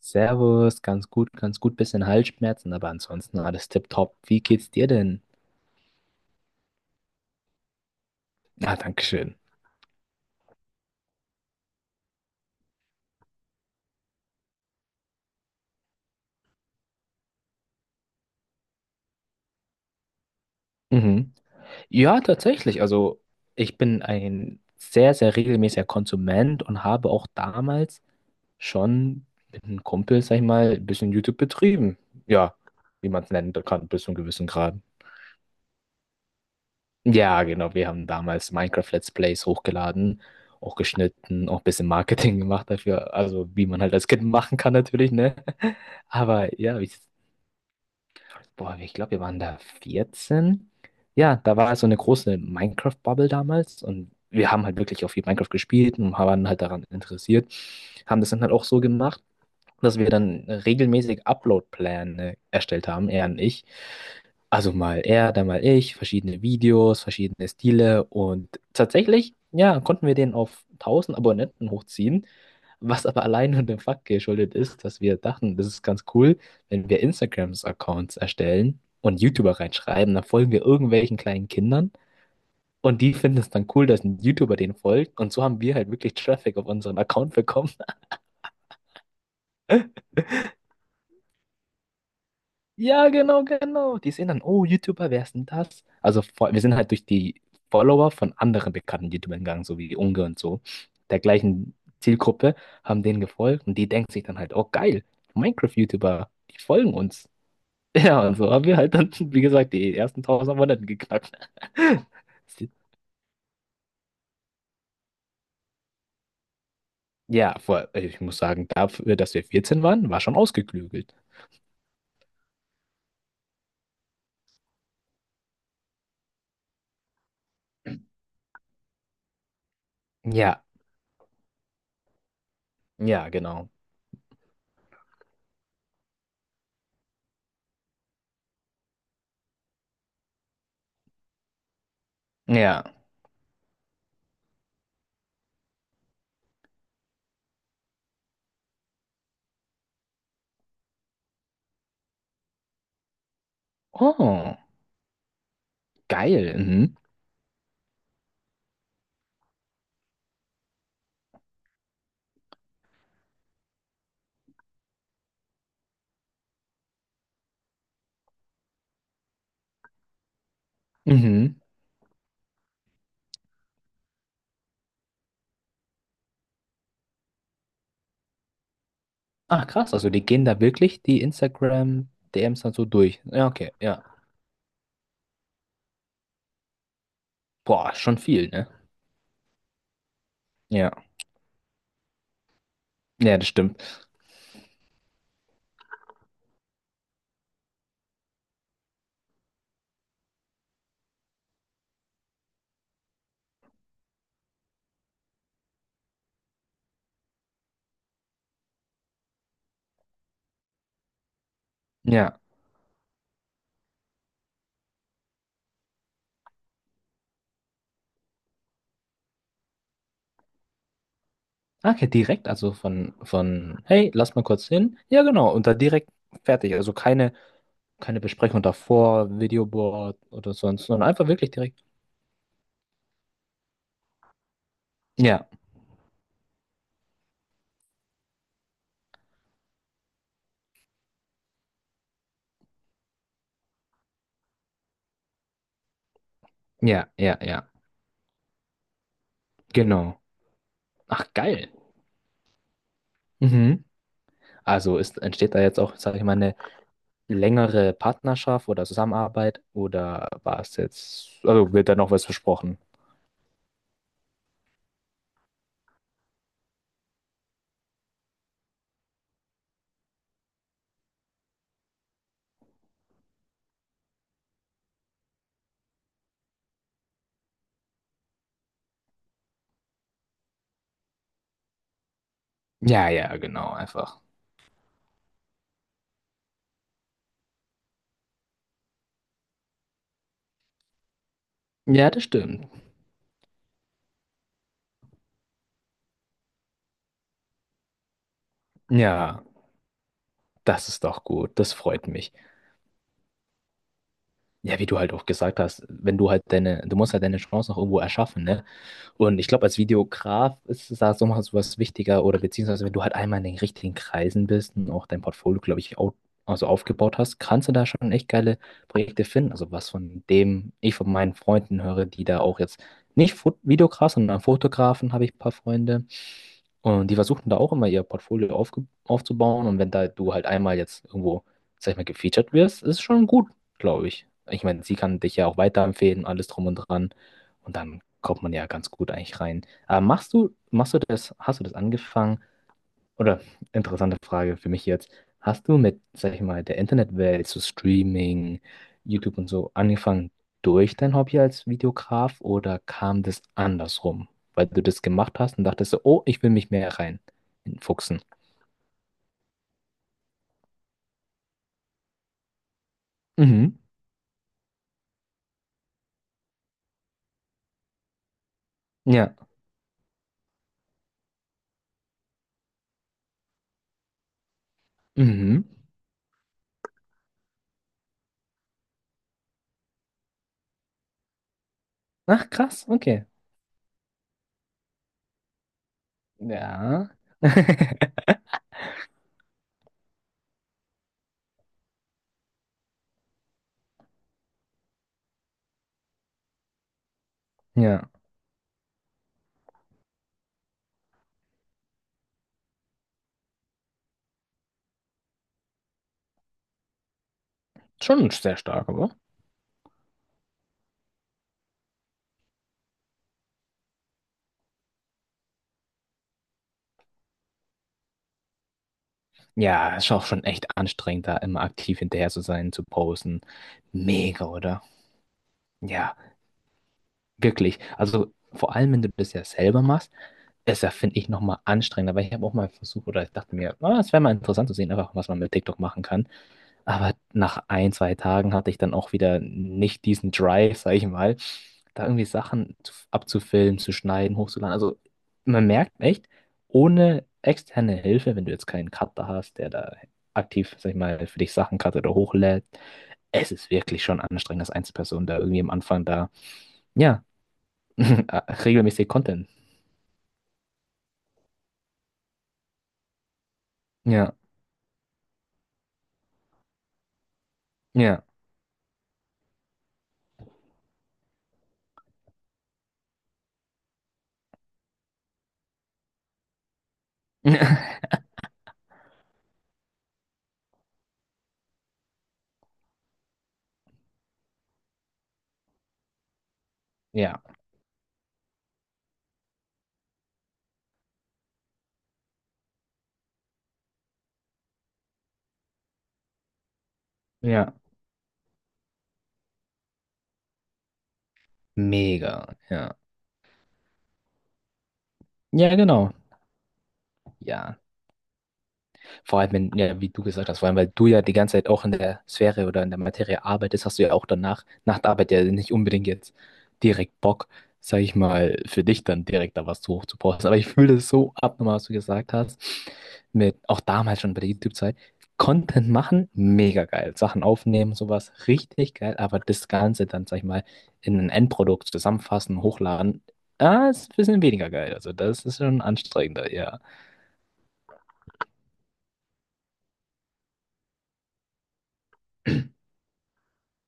Servus, ganz gut, bisschen Halsschmerzen, aber ansonsten alles tipptopp. Wie geht's dir denn? Ah, Dankeschön. Mhm. Ja, tatsächlich. Also, ich bin ein sehr, sehr regelmäßiger Konsument und habe auch damals schon mit einem Kumpel, sag ich mal, ein bisschen YouTube betrieben. Ja, wie man es nennen kann, bis zu einem gewissen Grad. Ja, genau. Wir haben damals Minecraft Let's Plays hochgeladen, auch geschnitten, auch ein bisschen Marketing gemacht dafür. Also, wie man halt als Kind machen kann, natürlich, ne? Aber ja, ich, boah, ich glaube, wir waren da 14. Ja, da war so eine große Minecraft-Bubble damals und wir haben halt wirklich auch viel Minecraft gespielt und waren halt daran interessiert. Haben das dann halt auch so gemacht, dass wir dann regelmäßig Upload-Pläne erstellt haben, er und ich. Also mal er, dann mal ich, verschiedene Videos, verschiedene Stile und tatsächlich, ja, konnten wir den auf 1000 Abonnenten hochziehen, was aber allein nur dem Fakt geschuldet ist, dass wir dachten, das ist ganz cool, wenn wir Instagrams-Accounts erstellen und YouTuber reinschreiben, dann folgen wir irgendwelchen kleinen Kindern und die finden es dann cool, dass ein YouTuber den folgt, und so haben wir halt wirklich Traffic auf unseren Account bekommen. Ja, genau, genau. Die sehen dann, oh, YouTuber, wer ist denn das? Also vor- wir sind halt durch die Follower von anderen bekannten YouTubern gegangen, so wie Unge und so, der gleichen Zielgruppe, haben denen gefolgt und die denken sich dann halt, oh geil, Minecraft-YouTuber, die folgen uns. Ja, und so haben wir halt dann, wie gesagt, die ersten 1000 Abonnenten geknackt. Ja, vor, ich muss sagen, dafür, dass wir 14 waren, war schon ausgeklügelt. Ja, ja, genau. Ja. Oh, geil. Mhm. Mhm. Ach krass, also die gehen da wirklich die Instagram-DMs dann so durch. Ja, okay, ja. Boah, schon viel, ne? Ja, ja, das stimmt. Ja. Ah, okay, direkt, also von, hey, lass mal kurz hin. Ja, genau, und dann direkt fertig. Also keine, keine Besprechung davor, Videoboard oder sonst, sondern einfach wirklich direkt. Ja, ja, ja, ja, genau. Ach, geil. Mhm. Also ist, entsteht da jetzt auch, sage ich mal, eine längere Partnerschaft oder Zusammenarbeit oder war es jetzt, also wird da noch was versprochen? Ja, ja, genau, einfach. Ja, das stimmt. Ja, das ist doch gut. Das freut mich. Ja, wie du halt auch gesagt hast, wenn du halt deine, du musst halt deine Chance noch irgendwo erschaffen, ne? Und ich glaube, als Videograf ist es da so mal sowas wichtiger oder beziehungsweise wenn du halt einmal in den richtigen Kreisen bist und auch dein Portfolio, glaube ich, au- also aufgebaut hast, kannst du da schon echt geile Projekte finden. Also was von dem ich von meinen Freunden höre, die da auch jetzt nicht Fot Videograf, sondern Fotografen, habe ich ein paar Freunde. Und die versuchen da auch immer ihr Portfolio aufge aufzubauen. Und wenn da du halt einmal jetzt irgendwo, sag ich mal, gefeatured wirst, ist schon gut, glaube ich. Ich meine, sie kann dich ja auch weiterempfehlen, alles drum und dran. Und dann kommt man ja ganz gut eigentlich rein. Aber machst du das, hast du das angefangen? Oder interessante Frage für mich jetzt. Hast du mit, sag ich mal, der Internetwelt, so Streaming, YouTube und so angefangen durch dein Hobby als Videograf oder kam das andersrum? Weil du das gemacht hast und dachtest so, oh, ich will mich mehr rein fuchsen. Mhm. Ja. Mhm. Ach, krass, okay. Ja. Ja. Schon sehr stark, aber. Ja, ist auch schon echt anstrengend, da immer aktiv hinterher zu sein, zu posten. Mega, oder? Ja, wirklich. Also vor allem, wenn du das ja selber machst, ist ja, finde ich, nochmal anstrengender, weil ich habe auch mal versucht, oder ich dachte mir, ah, es wäre mal interessant zu sehen, einfach was man mit TikTok machen kann. Aber nach ein, zwei Tagen hatte ich dann auch wieder nicht diesen Drive, sag ich mal, da irgendwie Sachen zu- abzufilmen, zu schneiden, hochzuladen. Also man merkt echt, ohne externe Hilfe, wenn du jetzt keinen Cutter hast, der da aktiv, sag ich mal, für dich Sachen cuttet oder hochlädt, es ist wirklich schon anstrengend, als Einzelperson da irgendwie am Anfang da, ja, regelmäßig Content. Ja, ja, ja, ja, mega, ja. Ja, genau, ja. Vor allem, wenn, ja, wie du gesagt hast, vor allem, weil du ja die ganze Zeit auch in der Sphäre oder in der Materie arbeitest, hast du ja auch danach, nach der Arbeit ja nicht unbedingt jetzt direkt Bock, sag ich mal, für dich dann direkt da was zu hoch zu posten. Aber ich fühle es so abnormal, was du gesagt hast, mit, auch damals schon bei der YouTube-Zeit. Content machen, mega geil. Sachen aufnehmen, sowas, richtig geil. Aber das Ganze dann, sag ich mal, in ein Endprodukt zusammenfassen, hochladen, ah, ist ein bisschen weniger geil. Also das ist schon anstrengender, ja.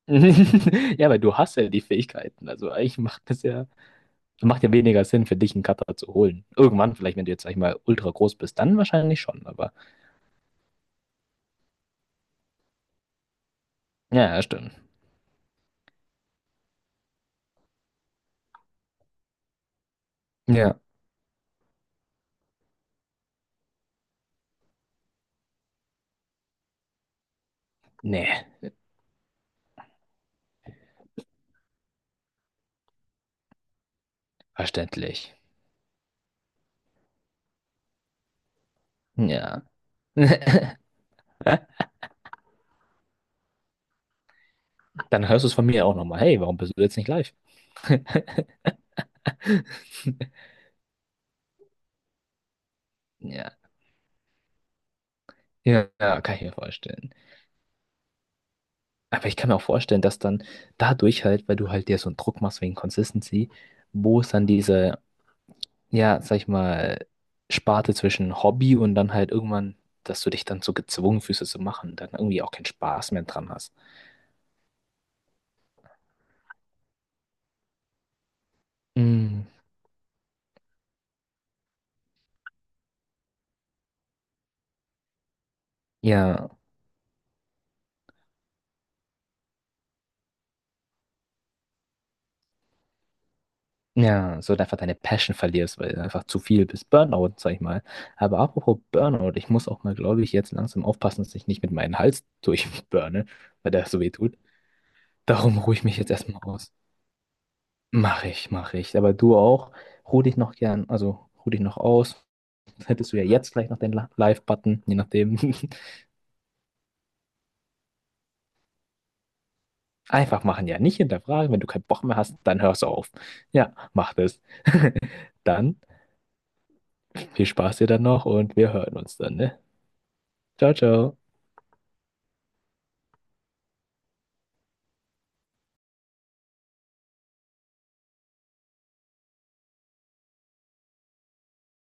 Ja, weil du hast ja die Fähigkeiten. Also eigentlich macht das ja, macht ja weniger Sinn für dich, einen Cutter zu holen. Irgendwann, vielleicht, wenn du jetzt, sag ich mal, ultra groß bist, dann wahrscheinlich schon, aber. Ja, ja, stimmt. Ja. Nee, verständlich. Ja. Dann hörst du es von mir auch nochmal. Hey, warum bist du jetzt nicht live? Ja. Ja, ja, kann ich mir vorstellen. Aber ich kann mir auch vorstellen, dass dann dadurch halt, weil du halt dir so einen Druck machst wegen Consistency, wo es dann diese, ja, sag ich mal, Sparte zwischen Hobby und dann halt irgendwann, dass du dich dann so gezwungen fühlst, es zu machen, dann irgendwie auch keinen Spaß mehr dran hast. Mm, ja, ja, so einfach deine Passion verlierst, weil du einfach zu viel bist. Burnout, sag ich mal. Aber apropos Burnout, ich muss auch mal, glaube ich, jetzt langsam aufpassen, dass ich nicht mit meinem Hals durchburne, weil der so weh tut. Darum ruhe ich mich jetzt erstmal aus. Mach ich, mach ich. Aber du auch, ruh dich noch gern, also ruh dich noch aus. Hättest du ja jetzt gleich noch den La- Live-Button, je nachdem. Einfach machen, ja. Nicht hinterfragen. Wenn du keinen Bock mehr hast, dann hörst du auf. Ja, mach das. Dann viel Spaß dir dann noch und wir hören uns dann, ne? Ciao, ciao.